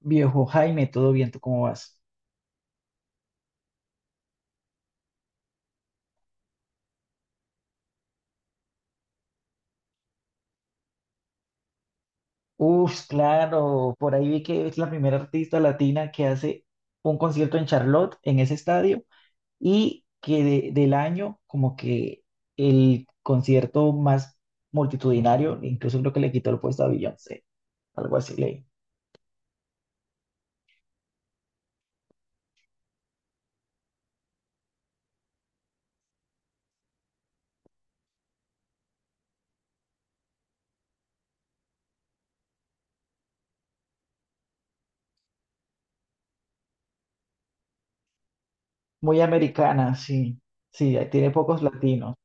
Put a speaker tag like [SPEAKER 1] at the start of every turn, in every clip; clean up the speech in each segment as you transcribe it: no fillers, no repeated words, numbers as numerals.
[SPEAKER 1] Viejo Jaime, todo bien, ¿tú cómo vas? Uf, claro, por ahí vi que es la primera artista latina que hace un concierto en Charlotte, en ese estadio, y que del año, como que el concierto más multitudinario, incluso creo que le quitó el puesto a Beyoncé, algo así leí. Muy americana, sí, sí, ahí tiene pocos latinos.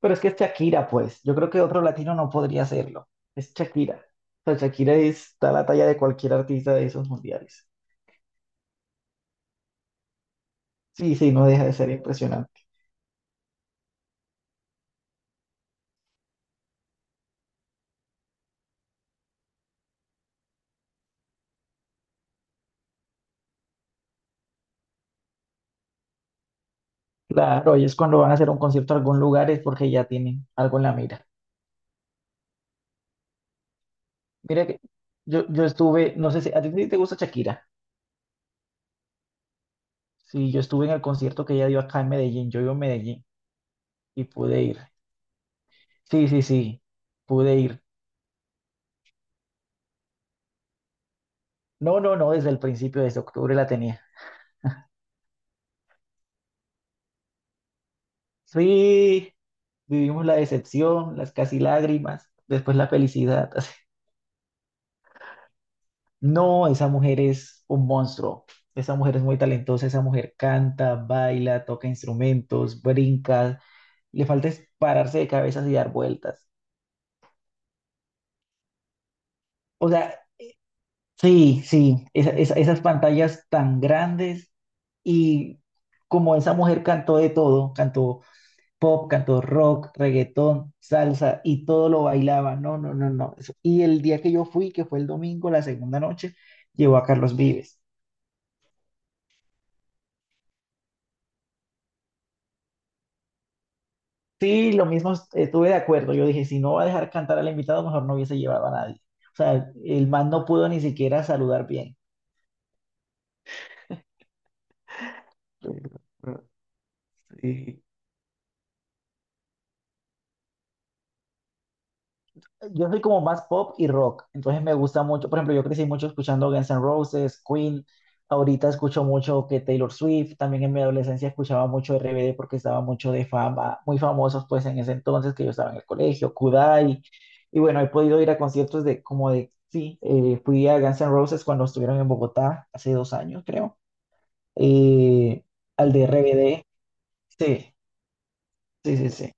[SPEAKER 1] Pero es que es Shakira, pues, yo creo que otro latino no podría hacerlo, es Shakira. O sea, Shakira está a la talla de cualquier artista de esos mundiales. Sí, sí, no deja de ser impresionante. Claro, ellos cuando van a hacer un concierto a algún lugar es porque ya tienen algo en la mira. Mira que yo estuve, no sé si a ti te gusta Shakira. Sí, yo estuve en el concierto que ella dio acá en Medellín. Yo vivo en Medellín y pude ir. Sí, sí, sí, pude ir. No, no, no, desde el principio, desde octubre la tenía. Sí, vivimos la decepción, las casi lágrimas, después la felicidad. No, esa mujer es un monstruo. Esa mujer es muy talentosa, esa mujer canta, baila, toca instrumentos, brinca. Le falta es pararse de cabezas y dar vueltas. O sea, sí, sí, esas pantallas tan grandes y como esa mujer cantó de todo, cantó pop, cantó rock, reggaetón, salsa y todo lo bailaba. No, no, no, no. Y el día que yo fui, que fue el domingo, la segunda noche, llevó a Carlos Vives. Sí, lo mismo estuve de acuerdo. Yo dije, si no va a dejar cantar al invitado, mejor no hubiese llevado a nadie. O sea, el man no pudo ni siquiera saludar bien. Sí. Yo soy como más pop y rock, entonces me gusta mucho. Por ejemplo, yo crecí mucho escuchando Guns N' Roses, Queen. Ahorita escucho mucho que Taylor Swift. También en mi adolescencia escuchaba mucho RBD porque estaba mucho de fama, muy famosos pues en ese entonces que yo estaba en el colegio, Kudai. Y bueno, he podido ir a conciertos de como de, sí, fui a Guns N' Roses cuando estuvieron en Bogotá hace 2 años, creo. Eh, al de RBD, sí, sí, sí, sí.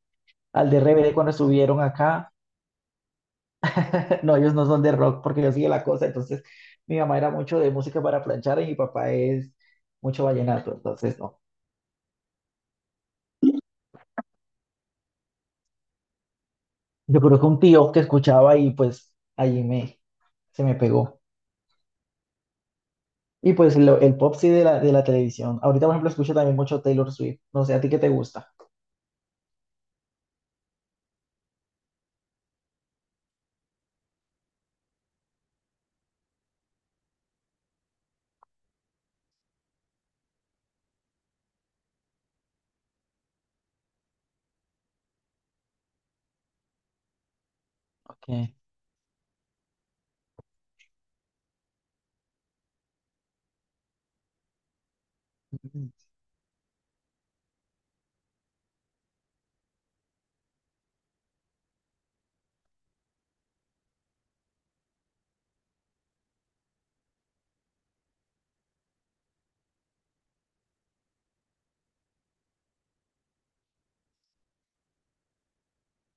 [SPEAKER 1] Al de RBD cuando estuvieron acá. No, ellos no son de rock porque yo sigue la cosa. Entonces, mi mamá era mucho de música para planchar y mi papá es mucho vallenato. Entonces, no. Yo creo que un tío que escuchaba y pues allí me, se me pegó. Y pues el pop sí de la, televisión. Ahorita, por ejemplo, escucho también mucho Taylor Swift. No sé, ¿a ti qué te gusta? Okay. Mm.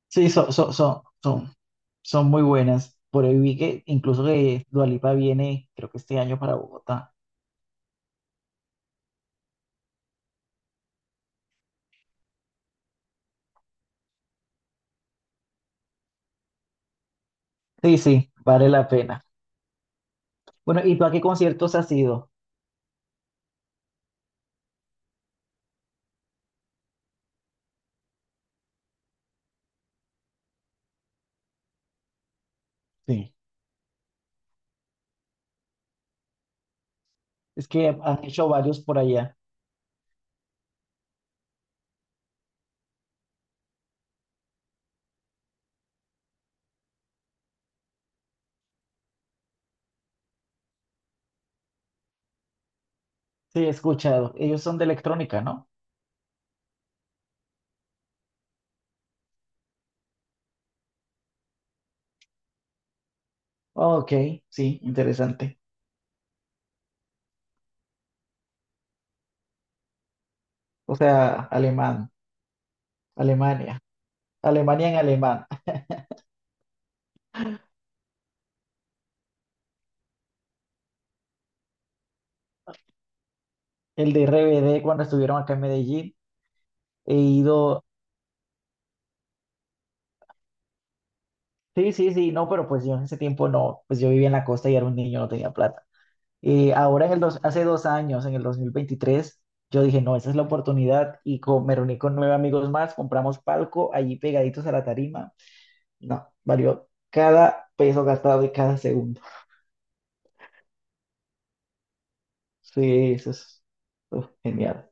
[SPEAKER 1] Sí, son muy buenas. Por ahí vi que incluso que Dua Lipa viene, creo que este año para Bogotá. Sí, sí, vale la pena. Bueno, ¿y tú a qué conciertos has ido? Sí. Es que han hecho varios por allá. Sí, he escuchado. Ellos son de electrónica, ¿no? Oh, Ok, sí, interesante. O sea, alemán, Alemania, Alemania en alemán. El de RBD cuando estuvieron acá en Medellín, he ido. Sí, sí, sí, no, pero pues yo en ese tiempo no, pues yo vivía en la costa y era un niño, no tenía plata. Ahora hace 2 años, en el 2023, yo dije, no, esa es la oportunidad y me reuní con nueve amigos más, compramos palco allí pegaditos a la tarima. No, valió cada peso gastado y cada segundo. Sí, eso es uf, genial.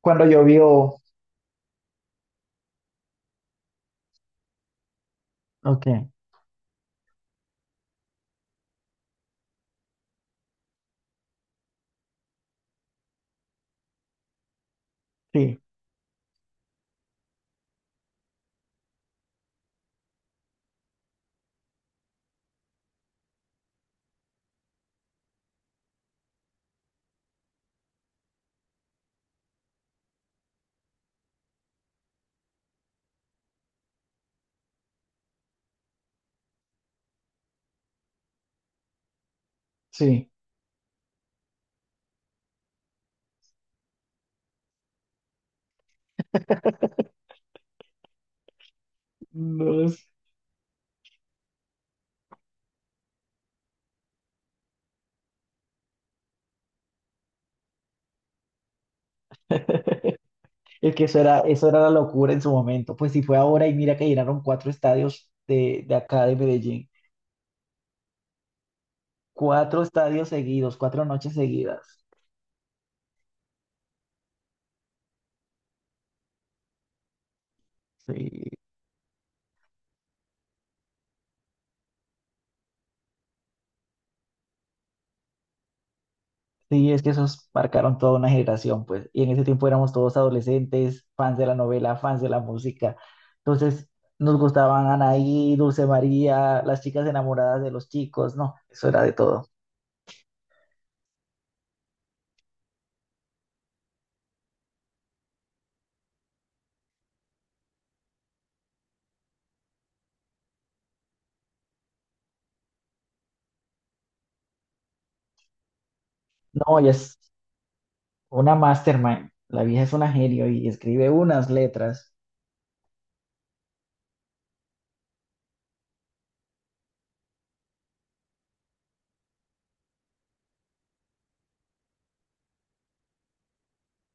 [SPEAKER 1] Cuando llovió, ok, sí, sí. No sé. Es que eso era la locura en su momento. Pues si fue ahora y mira que llenaron cuatro estadios de acá de Medellín. Cuatro estadios seguidos, 4 noches seguidas. Sí. Sí, es que esos marcaron toda una generación, pues. Y en ese tiempo éramos todos adolescentes, fans de la novela, fans de la música. Entonces, nos gustaban Anaí, Dulce María, las chicas enamoradas de los chicos, no, eso era de todo. No, ella es una mastermind. La vieja es una genio y escribe unas letras.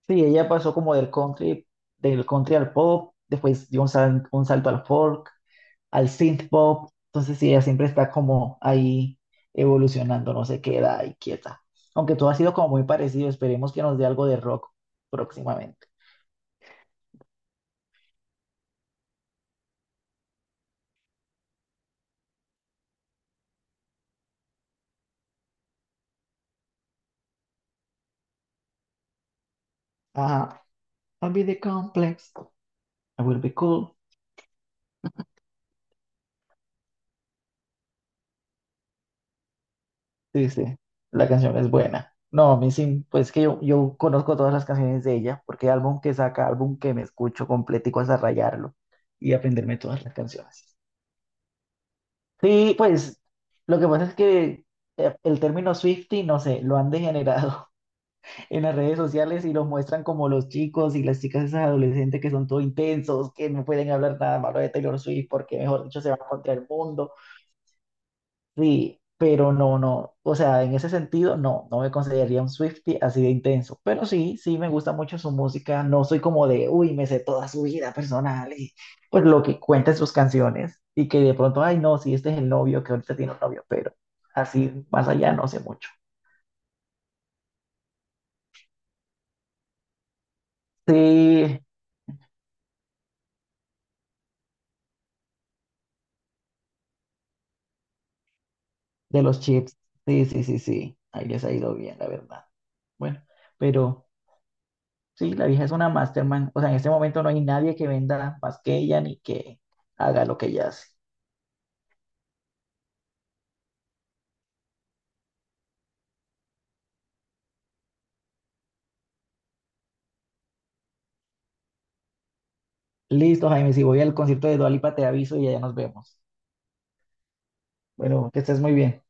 [SPEAKER 1] Sí, ella pasó como del country al pop, después dio un salto al folk, al synth pop. Entonces sí, ella siempre está como ahí evolucionando, no se queda ahí quieta. Aunque todo ha sido como muy parecido, esperemos que nos dé algo de rock próximamente. Ajá. I'll be the complex. I will be cool. Sí, sí, la canción es buena. No, a mí sí, pues que yo conozco todas las canciones de ella, porque álbum que saca, álbum que me escucho completico hasta rayarlo y aprenderme todas las canciones. Sí, pues lo que pasa es que el término Swiftie, no sé, lo han degenerado en las redes sociales y los muestran como los chicos y las chicas esas adolescentes que son todo intensos, que no pueden hablar nada malo de Taylor Swift porque, mejor dicho, se va contra el mundo. Sí, pero no, no, o sea, en ese sentido, no, no me consideraría un Swiftie así de intenso, pero sí, sí me gusta mucho su música, no soy como de, uy, me sé toda su vida personal y pues lo que cuenta en sus canciones y que de pronto, ay, no, sí, este es el novio que ahorita tiene un novio, pero así más allá no sé mucho. Sí, de los chips. Sí, sí, sí, sí. Ahí les ha ido bien, la verdad. Bueno, pero sí, la vieja es una mastermind. O sea, en este momento no hay nadie que venda más que ella ni que haga lo que ella hace. Listo, Jaime. Si voy al concierto de Dua Lipa, te aviso y allá nos vemos. Bueno, que estés muy bien.